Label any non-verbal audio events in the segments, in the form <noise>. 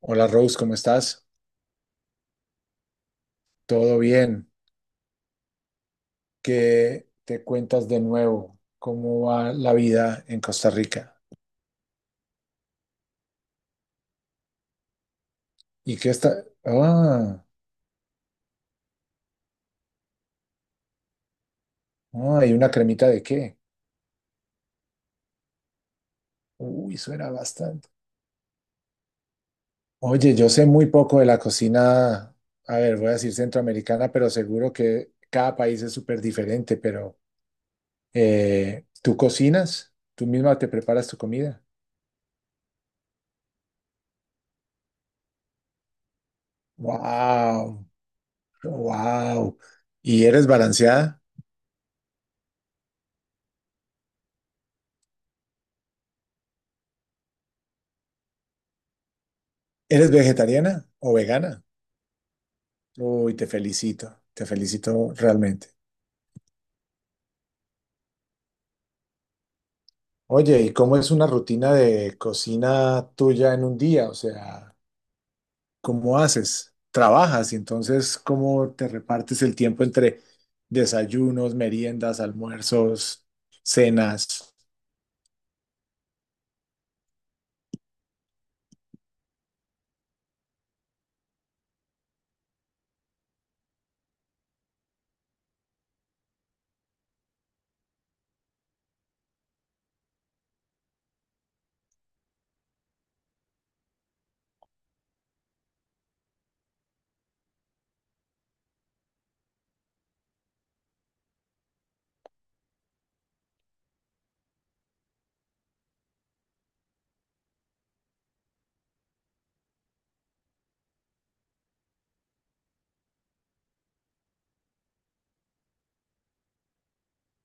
Hola Rose, ¿cómo estás? ¿Todo bien? ¿Qué te cuentas de nuevo? ¿Cómo va la vida en Costa Rica? ¿Y qué está? Ah, ah, ¿y una cremita de qué? Uy, suena bastante. Oye, yo sé muy poco de la cocina, a ver, voy a decir centroamericana, pero seguro que cada país es súper diferente, pero ¿tú cocinas? ¿Tú misma te preparas tu comida? Wow, wow. ¿Y eres balanceada? ¿Eres vegetariana o vegana? Uy, te felicito realmente. Oye, ¿y cómo es una rutina de cocina tuya en un día? O sea, ¿cómo haces? ¿Trabajas? Y entonces, ¿cómo te repartes el tiempo entre desayunos, meriendas, almuerzos, cenas?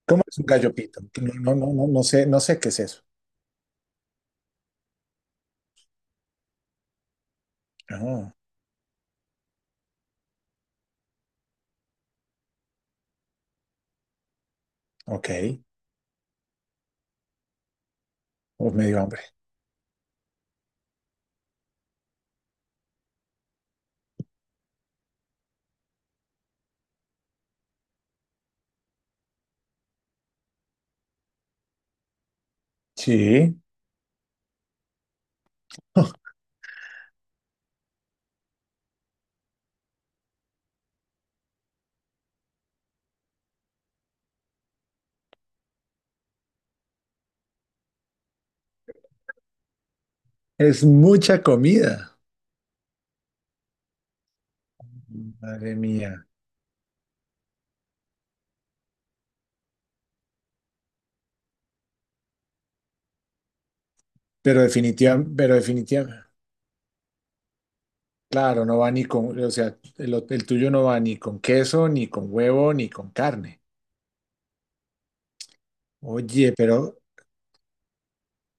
¿Cómo es un gallopito? No, no, no, no, no sé, no sé qué es eso. Ah, ok. Oh, me dio hambre. Sí, es mucha comida. Madre mía. Pero definitiva, pero definitiva. Claro, no va ni con, o sea, el, el tuyo no va ni con queso, ni con huevo, ni con carne. Oye, pero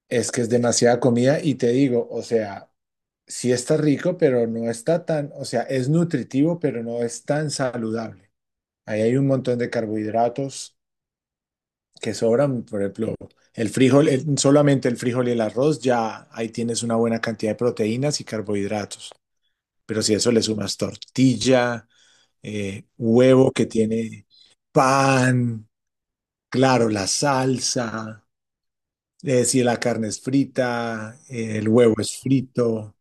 es que es demasiada comida y te digo, o sea, sí está rico, pero no está tan, o sea, es nutritivo, pero no es tan saludable. Ahí hay un montón de carbohidratos que sobran, por ejemplo, el frijol, solamente el frijol y el arroz, ya ahí tienes una buena cantidad de proteínas y carbohidratos. Pero si a eso le sumas tortilla, huevo que tiene pan, claro, la salsa, si la carne es frita, el huevo es frito,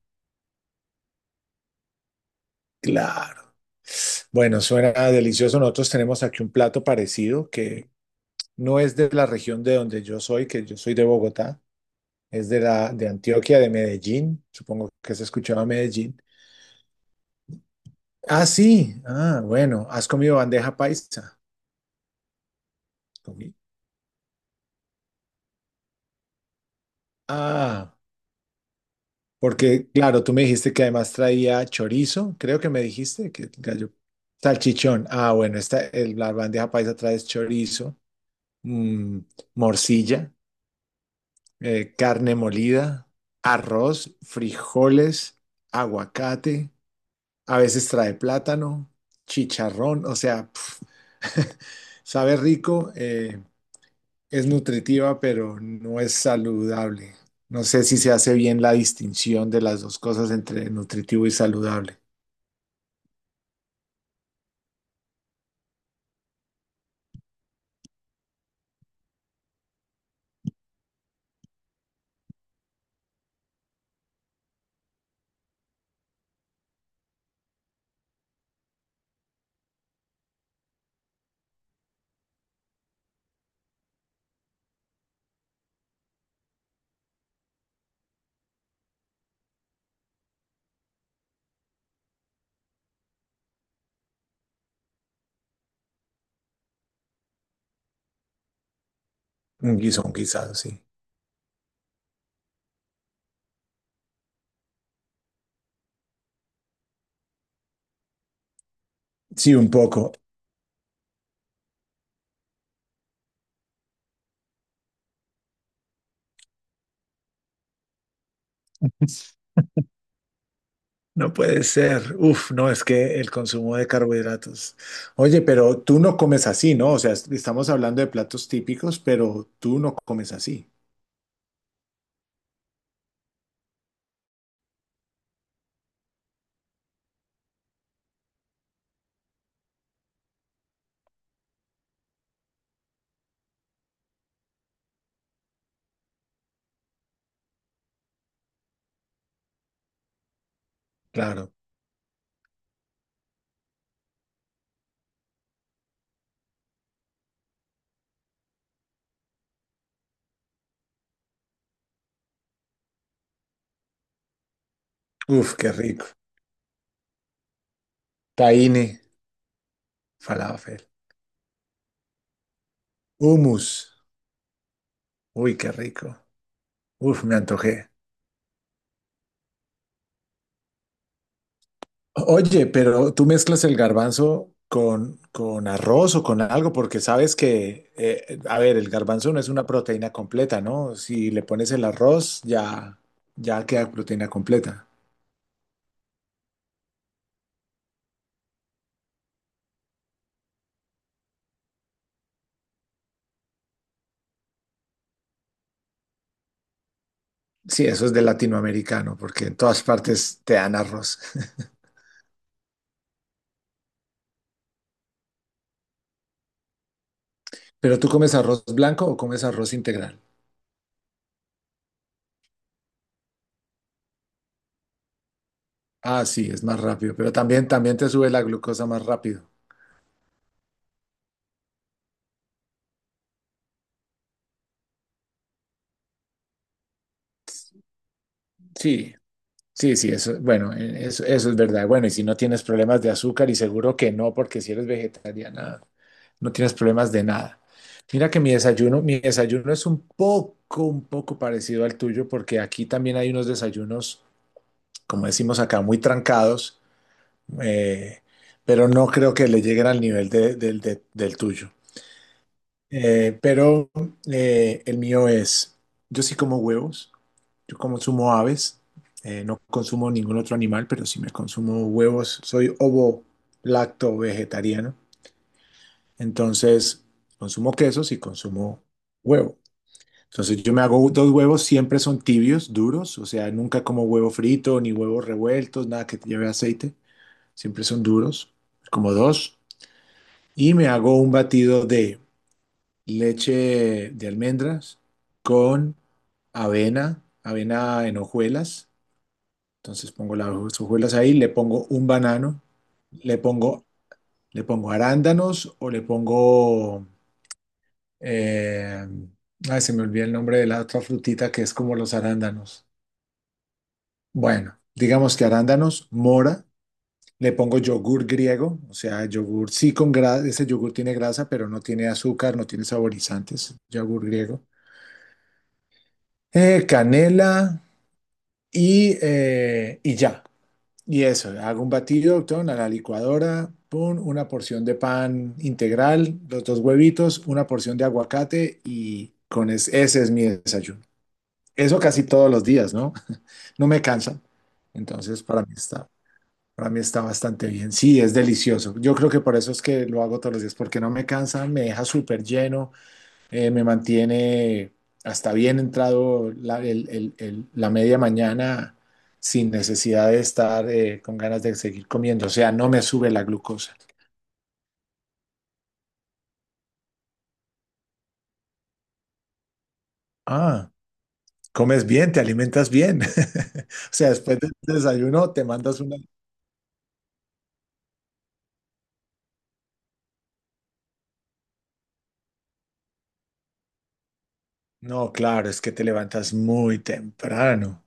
claro. Bueno, suena delicioso. Nosotros tenemos aquí un plato parecido que no es de la región de donde yo soy, que yo soy de Bogotá, es de la de Antioquia, de Medellín. Supongo que se escuchaba Medellín. Ah, sí. Ah, bueno, ¿has comido bandeja paisa? Comí. Ah. Porque, claro, tú me dijiste que además traía chorizo, creo que me dijiste que el gallo salchichón. Ah, bueno, esta, la bandeja paisa trae chorizo, mm, morcilla, carne molida, arroz, frijoles, aguacate, a veces trae plátano, chicharrón, o sea, pf, <laughs> sabe rico. Es nutritiva, pero no es saludable. No sé si se hace bien la distinción de las dos cosas entre nutritivo y saludable. Un guiso, un guisado, sí. Sí, un poco. <laughs> No puede ser. Uf, no, es que el consumo de carbohidratos. Oye, pero tú no comes así, ¿no? O sea, estamos hablando de platos típicos, pero tú no comes así. Claro. Uf, qué rico. Tahine, falafel, hummus. Uy, qué rico. Uf, me antojé. Oye, pero tú mezclas el garbanzo con arroz o con algo, porque sabes que, a ver, el garbanzo no es una proteína completa, ¿no? Si le pones el arroz, ya, ya queda proteína completa. Sí, eso es de latinoamericano, porque en todas partes te dan arroz. <laughs> ¿Pero tú comes arroz blanco o comes arroz integral? Ah, sí, es más rápido, pero también, también te sube la glucosa más rápido. Sí, sí, sí, eso, bueno, eso, eso es verdad. Bueno, y si no tienes problemas de azúcar, y seguro que no, porque si eres vegetariana, no tienes problemas de nada. Mira que mi desayuno es un poco parecido al tuyo, porque aquí también hay unos desayunos, como decimos acá, muy trancados, eh, pero no creo que le lleguen al nivel del tuyo. Pero el mío es, yo sí como huevos. Yo como consumo aves, no consumo ningún otro animal, pero sí me consumo huevos. Soy ovo lacto vegetariano. Entonces, consumo quesos y consumo huevo. Entonces, yo me hago dos huevos, siempre son tibios, duros. O sea, nunca como huevo frito ni huevos revueltos, nada que lleve aceite. Siempre son duros, como dos. Y me hago un batido de leche de almendras con avena, avena en hojuelas. Entonces pongo las hojuelas ahí, le pongo un banano, le pongo, le pongo arándanos o le pongo, eh, ay, se me olvida el nombre de la otra frutita que es como los arándanos. Bueno, digamos que arándanos, mora, le pongo yogur griego, o sea, yogur sí con grasa, ese yogur tiene grasa, pero no tiene azúcar, no tiene saborizantes, yogur griego, canela y ya. Y eso, hago un batido, doctor, a la licuadora, pum, una porción de pan integral, los dos huevitos, una porción de aguacate y con ese es mi desayuno. Eso casi todos los días, ¿no? <laughs> No me cansa. Entonces, para mí está bastante bien. Sí, es delicioso. Yo creo que por eso es que lo hago todos los días, porque no me cansa, me deja súper lleno me mantiene hasta bien entrado la, la media mañana sin necesidad de estar con ganas de seguir comiendo. O sea, no me sube la glucosa. Ah, comes bien, te alimentas bien. <laughs> O sea, después del desayuno te mandas una... No, claro, es que te levantas muy temprano.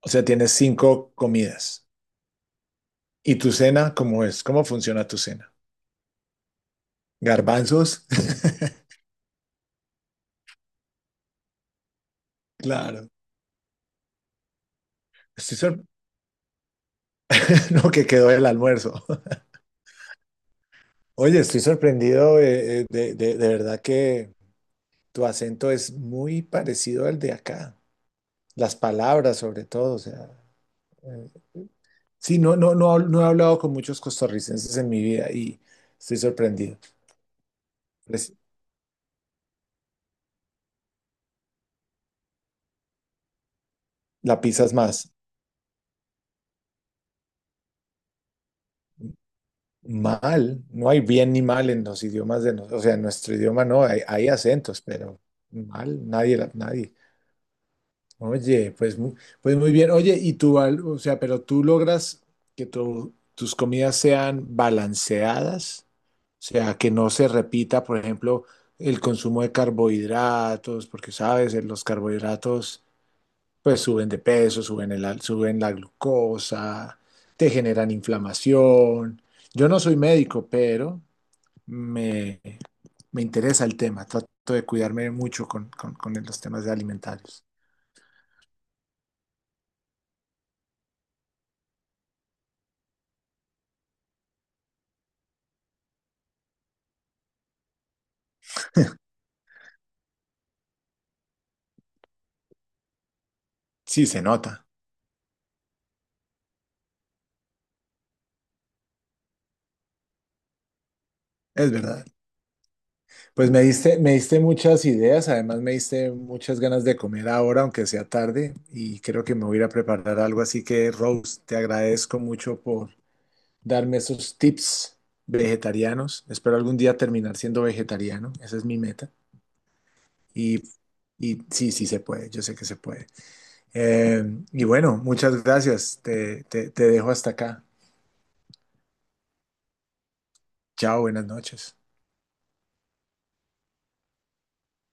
O sea, tienes cinco comidas. ¿Y tu cena cómo es? ¿Cómo funciona tu cena? ¿Garbanzos? <laughs> Claro. Estoy sor- <laughs> lo que quedó el almuerzo. Oye, estoy sorprendido de, de verdad que tu acento es muy parecido al de acá. Las palabras, sobre todo. O sea, eh, sí, no, no, no, no he hablado con muchos costarricenses en mi vida y estoy sorprendido. Pues, la pisas más mal. No hay bien ni mal en los idiomas de nosotros. O sea, en nuestro idioma no, hay acentos, pero mal, nadie, nadie. Oye, pues muy bien. Oye, y tú, Val, o sea, pero tú logras que tus comidas sean balanceadas, o sea, que no se repita, por ejemplo, el consumo de carbohidratos, porque sabes, los carbohidratos pues suben de peso, suben el, suben la glucosa, te generan inflamación. Yo no soy médico, pero me, me interesa el tema. Trato de cuidarme mucho con los temas de alimentarios. Sí, se nota, es verdad. Pues me diste muchas ideas, además me diste muchas ganas de comer ahora, aunque sea tarde, y creo que me voy a ir a preparar algo, así que Rose, te agradezco mucho por darme esos tips vegetarianos. Espero algún día terminar siendo vegetariano, esa es mi meta. Y, y sí, sí se puede, yo sé que se puede. Eh, y bueno, muchas gracias, te, te dejo hasta acá. Chao, buenas noches.